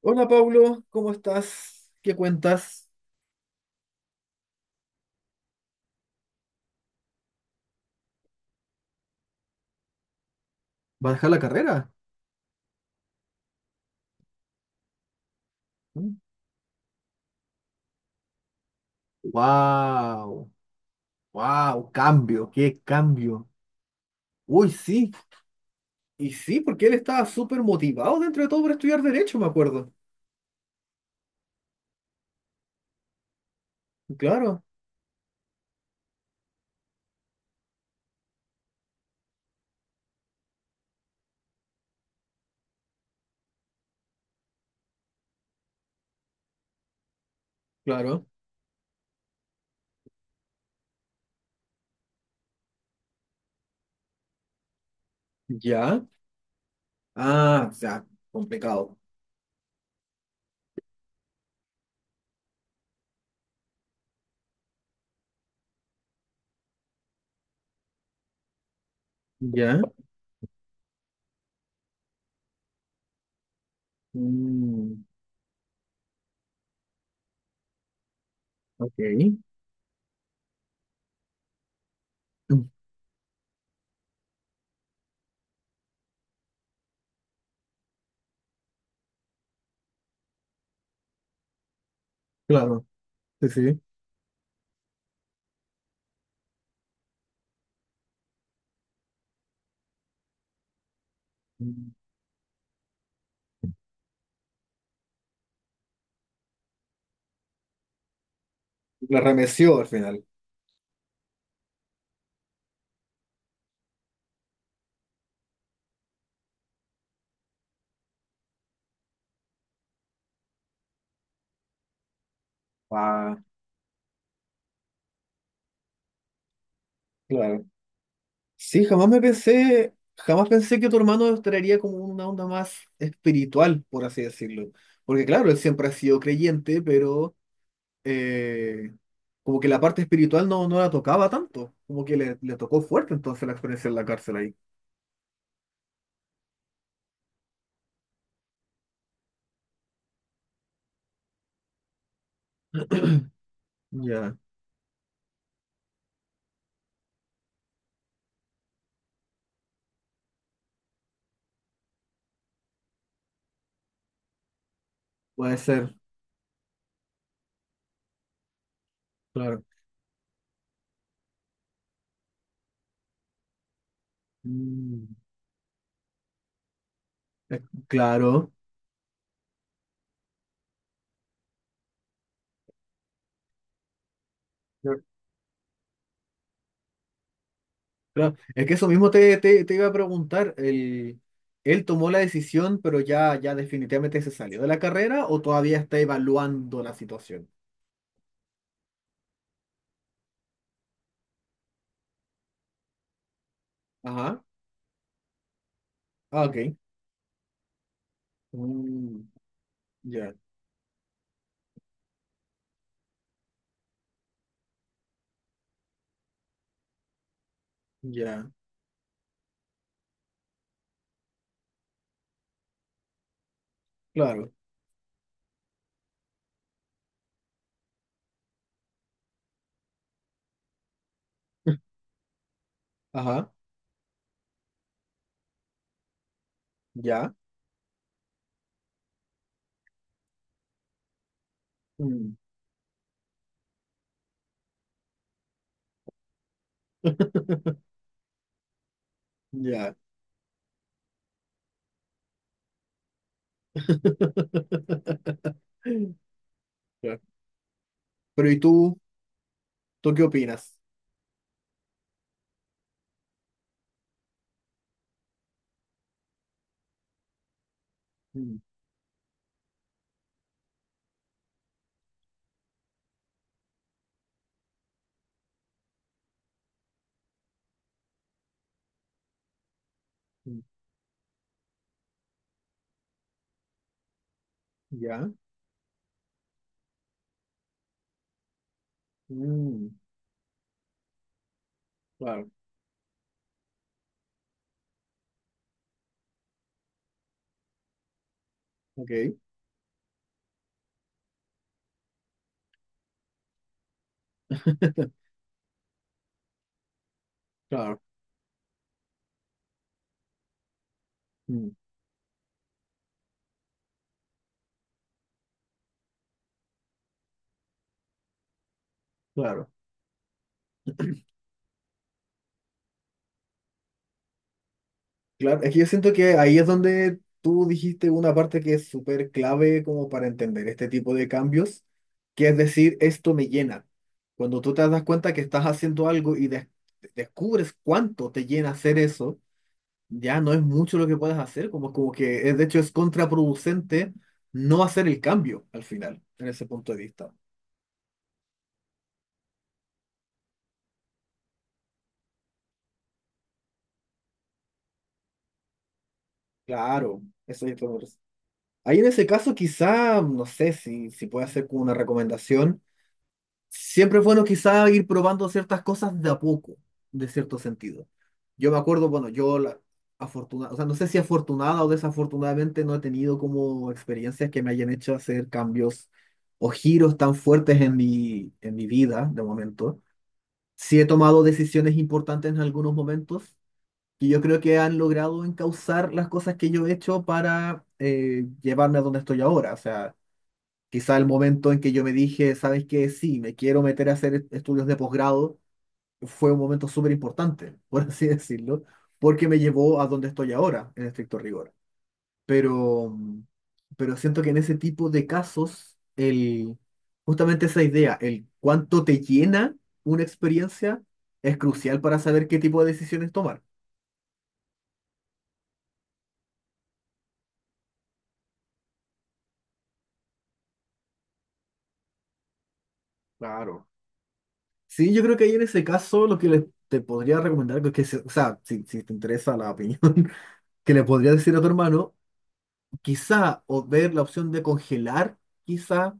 Hola Pablo, ¿cómo estás? ¿Qué cuentas? ¿Vas a dejar la carrera? ¡Wow! ¡Wow! ¡Cambio! ¡Qué cambio! Uy, sí, y sí, porque él estaba súper motivado dentro de todo por estudiar Derecho, me acuerdo. Claro, claro. Ya. Ah, o sea, complicado. Ya. Mm, ok. Mm, claro, sí, sí. Mm, la remeció al final. Ah, claro. Sí, jamás me pensé, jamás pensé que tu hermano estaría como una onda más espiritual, por así decirlo. Porque claro, él siempre ha sido creyente, pero eh, como que la parte espiritual no, no la tocaba tanto, como que le tocó fuerte entonces la experiencia en la cárcel ahí. Ya, puede ser, claro. Mm, es- claro. Claro, es que eso mismo te iba a preguntar, el, ¿él tomó la decisión pero ya definitivamente se salió de la carrera o todavía está evaluando la situación? Ajá. Ah, ok. Mm, ya, ya. Claro. Ajá. Ya. Mm, ya. Ya. Pero ¿y tú? ¿Tú qué opinas? Mm, mm, ya. Mm, claro. Ok. Claro. Mm, claro. Claro, es que yo siento que ahí es donde tú dijiste una parte que es súper clave como para entender este tipo de cambios, que es decir, esto me llena. Cuando tú te das cuenta que estás haciendo algo y descubres cuánto te llena hacer eso, ya no es mucho lo que puedes hacer, como que es, de hecho es contraproducente no hacer el cambio al final, en ese punto de vista. Claro, eso es todo. Ahí en ese caso quizá, no sé si puede hacer como una recomendación. Siempre es bueno quizá ir probando ciertas cosas de a poco, de cierto sentido. Yo me acuerdo, bueno, yo la afortunada, o sea, no sé si afortunada o desafortunadamente no he tenido como experiencias que me hayan hecho hacer cambios o giros tan fuertes en en mi vida de momento. Sí he tomado decisiones importantes en algunos momentos que yo creo que han logrado encauzar las cosas que yo he hecho para llevarme a donde estoy ahora. O sea, quizá el momento en que yo me dije, ¿sabes qué? Sí, me quiero meter a hacer estudios de posgrado, fue un momento súper importante, por así decirlo, porque me llevó a donde estoy ahora, en estricto rigor. Pero, pero siento que en ese tipo de casos, el, justamente esa idea, el cuánto te llena una experiencia, es crucial para saber qué tipo de decisiones tomar. Claro. Sí, yo creo que ahí en ese caso lo que te podría recomendar, o sea, si te interesa la opinión que le podría decir a tu hermano quizá, o ver la opción de congelar, quizá,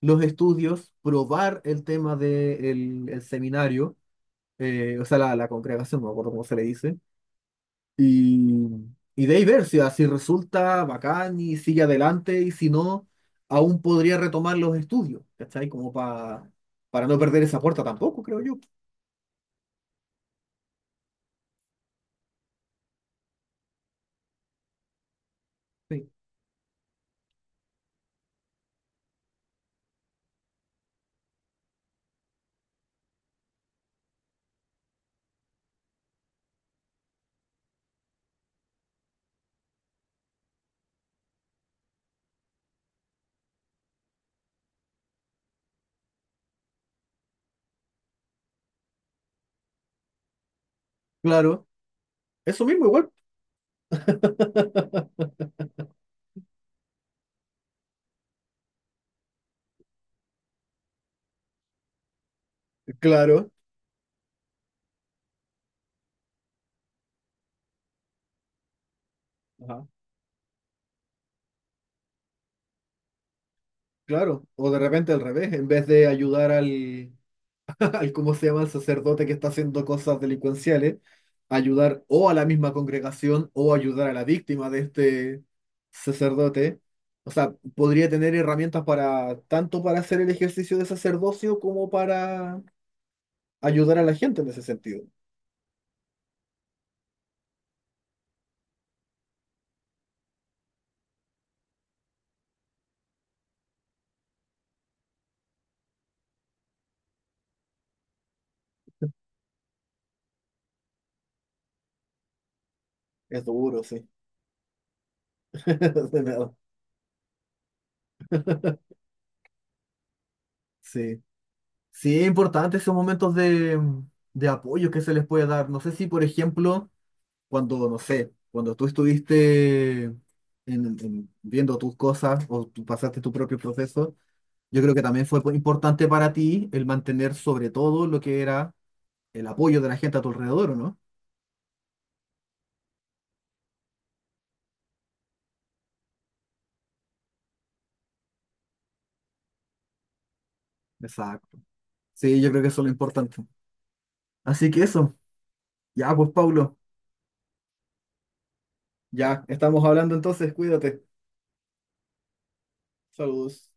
los estudios, probar el tema del seminario, o sea, la congregación, no me acuerdo cómo se le dice, y, y de ahí ver si así resulta bacán y sigue adelante, y si no, aún podría retomar los estudios, ¿cachai? Para no perder esa puerta tampoco, creo yo. Sí. Claro, eso mismo igual. Claro, ajá, claro. O de repente al revés, en vez de ayudar al, al cómo se llama el sacerdote que está haciendo cosas delincuenciales, ayudar o a la misma congregación o ayudar a la víctima de este sacerdote. O sea, podría tener herramientas para tanto para hacer el ejercicio de sacerdocio como para ayudar a la gente en ese sentido. Es duro, sí. De nada. Sí. Sí, es importante esos momentos de apoyo que se les puede dar. No sé si, por ejemplo, cuando, no sé, cuando tú estuviste viendo tus cosas o tú pasaste tu propio proceso, yo creo que también fue importante para ti el mantener sobre todo lo que era el apoyo de la gente a tu alrededor, ¿o no? Exacto. Sí, yo creo que eso es lo importante. Así que eso, ya pues, Pablo, ya estamos hablando entonces, cuídate. Saludos.